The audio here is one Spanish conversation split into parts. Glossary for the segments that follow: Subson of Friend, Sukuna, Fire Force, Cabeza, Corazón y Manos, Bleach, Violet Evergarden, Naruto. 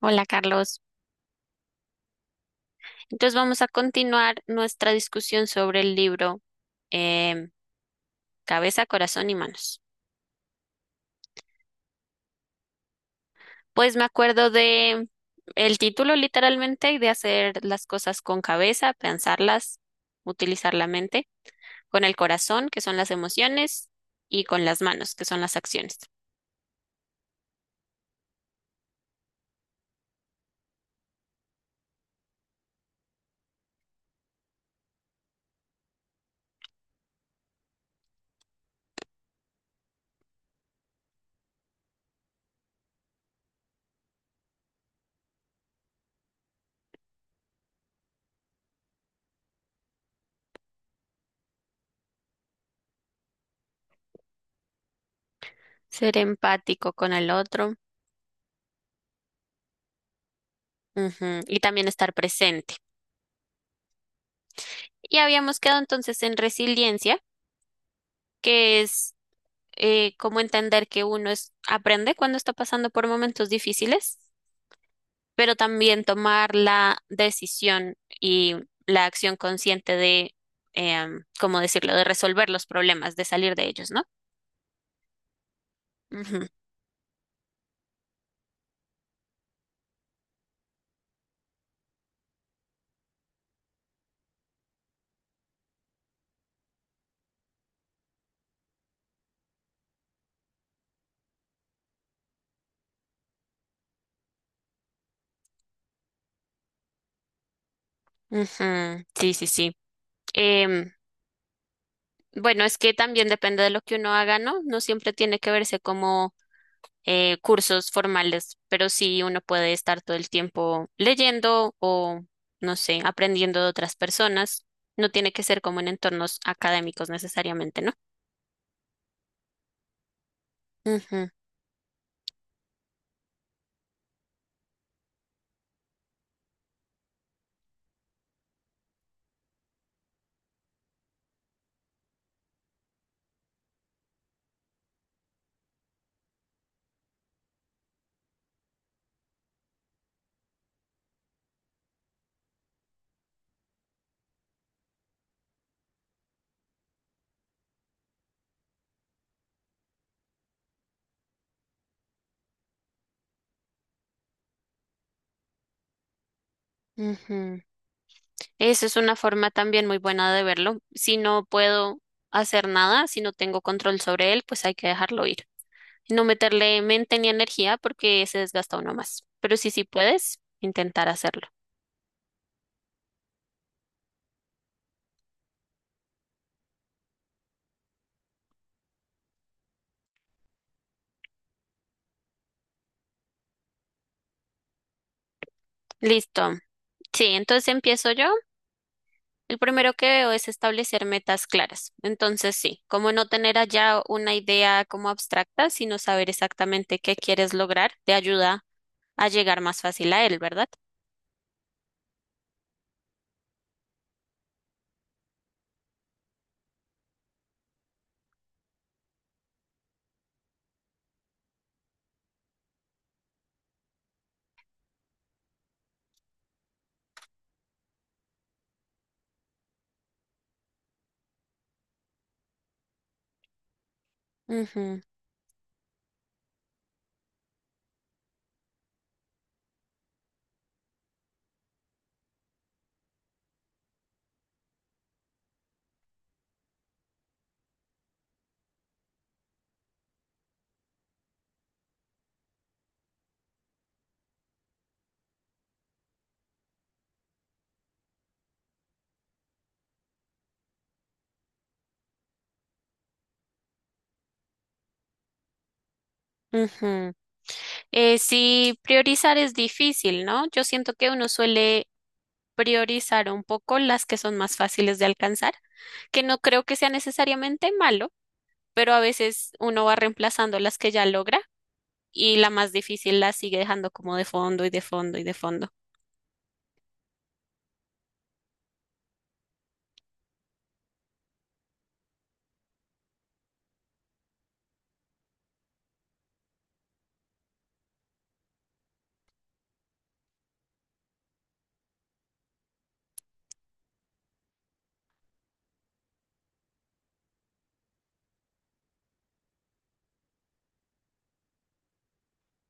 Hola, Carlos. Entonces vamos a continuar nuestra discusión sobre el libro em, Cabeza, Corazón y Manos. Pues me acuerdo de el título literalmente y de hacer las cosas con cabeza, pensarlas, utilizar la mente, con el corazón, que son las emociones, y con las manos, que son las acciones. Ser empático con el otro, ujú, y también estar presente. Y habíamos quedado entonces en resiliencia, que es como entender que uno es, aprende cuando está pasando por momentos difíciles, pero también tomar la decisión y la acción consciente de, ¿cómo decirlo?, de resolver los problemas, de salir de ellos, ¿no? Ujú, ujú, sí, sí, sí. Em, bueno, es que también depende de lo que uno haga, ¿no? No siempre tiene que verse como cursos formales, pero sí uno puede estar todo el tiempo leyendo o, no sé, aprendiendo de otras personas. No tiene que ser como en entornos académicos necesariamente, ¿no? Ujú, ujú. Esa es una forma también muy buena de verlo. Si no puedo hacer nada, si no tengo control sobre él, pues hay que dejarlo ir. No meterle mente ni energía porque se desgasta uno más. Pero si sí puedes, intentar hacerlo. Listo. Sí, entonces empiezo yo. El primero que veo es establecer metas claras. Entonces, sí, como no tener allá una idea como abstracta, sino saber exactamente qué quieres lograr, te ayuda a llegar más fácil a él, ¿verdad? Ujú, ujú. Sí, priorizar es difícil, ¿no? Yo siento que uno suele priorizar un poco las que son más fáciles de alcanzar, que no creo que sea necesariamente malo, pero a veces uno va reemplazando las que ya logra y la más difícil la sigue dejando como de fondo y de fondo y de fondo.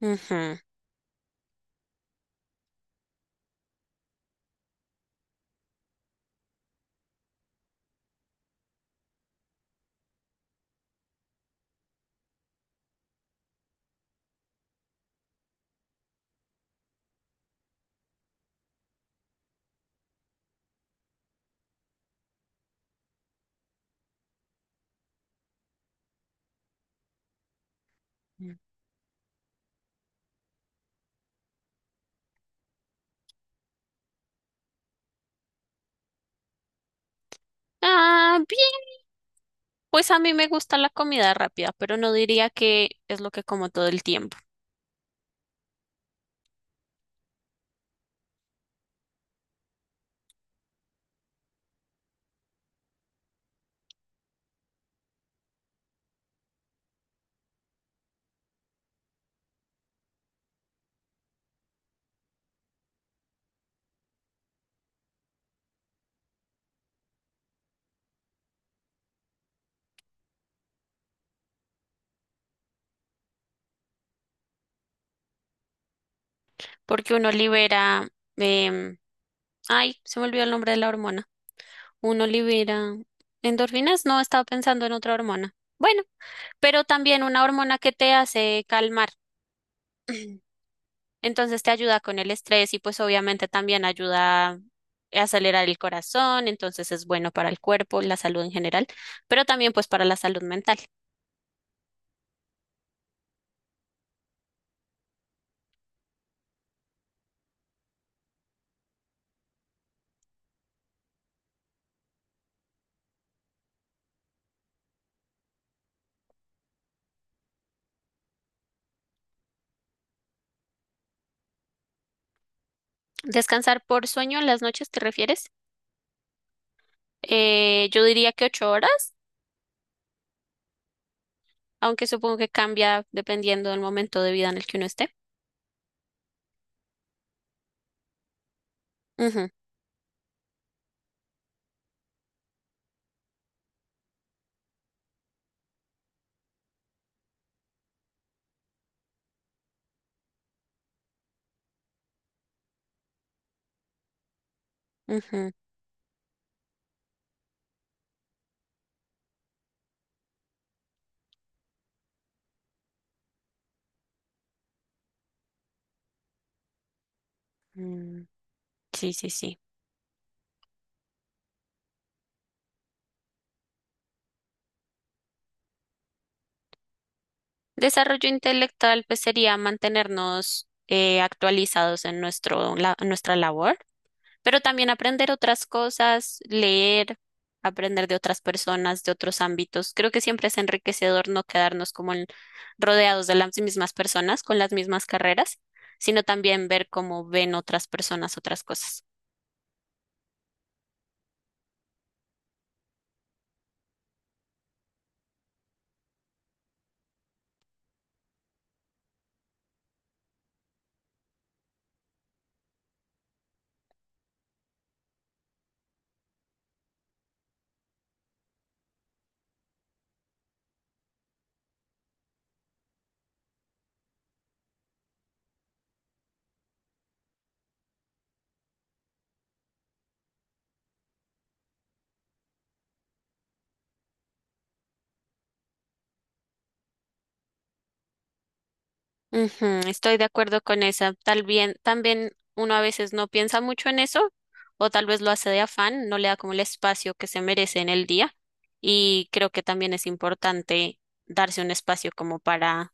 Ujú. Ah, bien. Pues a mí me gusta la comida rápida, pero no diría que es lo que como todo el tiempo, porque uno libera, em, ay, se me olvidó el nombre de la hormona. Uno libera endorfinas, no, estaba pensando en otra hormona. Bueno. Pero también una hormona que te hace calmar. Entonces te ayuda con el estrés y pues obviamente también ayuda a acelerar el corazón, entonces es bueno para el cuerpo, la salud en general, pero también pues para la salud mental. Descansar por sueño en las noches, ¿te refieres? Yo diría que 8 horas, aunque supongo que cambia dependiendo del momento de vida en el que uno esté. Ujú, ujú, mm, sí, sí, sí. Desarrollo intelectual, pues sería mantenernos actualizados en nuestro, en nuestra labor, pero también aprender otras cosas, leer, aprender de otras personas, de otros ámbitos. Creo que siempre es enriquecedor no quedarnos como rodeados de las mismas personas, con las mismas carreras, sino también ver cómo ven otras personas otras cosas. Ujú, estoy de acuerdo con esa. Tal bien, también uno a veces no piensa mucho en eso, o tal vez lo hace de afán, no le da como el espacio que se merece en el día. Y creo que también es importante darse un espacio como para,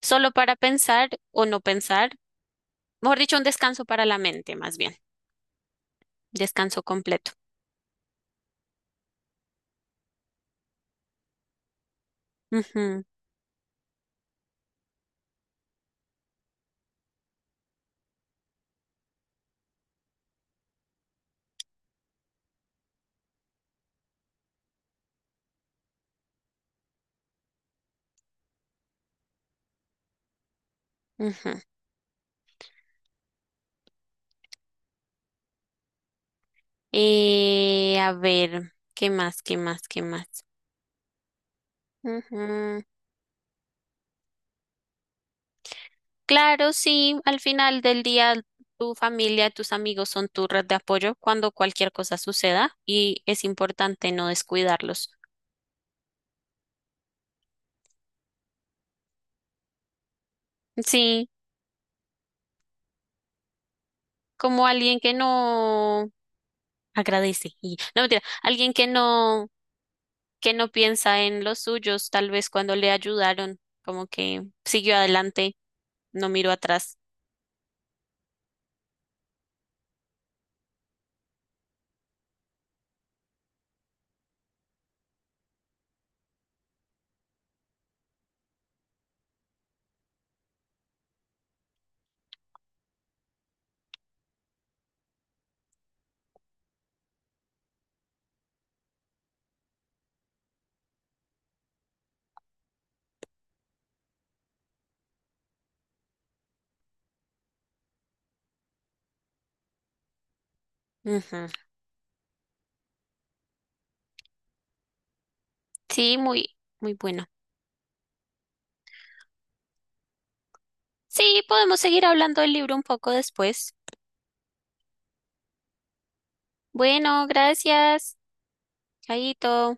solo para pensar o no pensar, mejor dicho, un descanso para la mente, más bien, descanso completo. Ujú, ujú. A ver, ¿qué más? ¿Qué más? ¿Qué más? Ujú. Claro, sí, al final del día tu familia, tus amigos son tu red de apoyo cuando cualquier cosa suceda y es importante no descuidarlos. Sí, como alguien que no agradece y no mentira, alguien que no piensa en los suyos, tal vez cuando le ayudaron, como que siguió adelante, no miró atrás. Ujú. Sí, muy muy bueno. Sí, podemos seguir hablando del libro un poco después. Bueno, gracias. Chaito.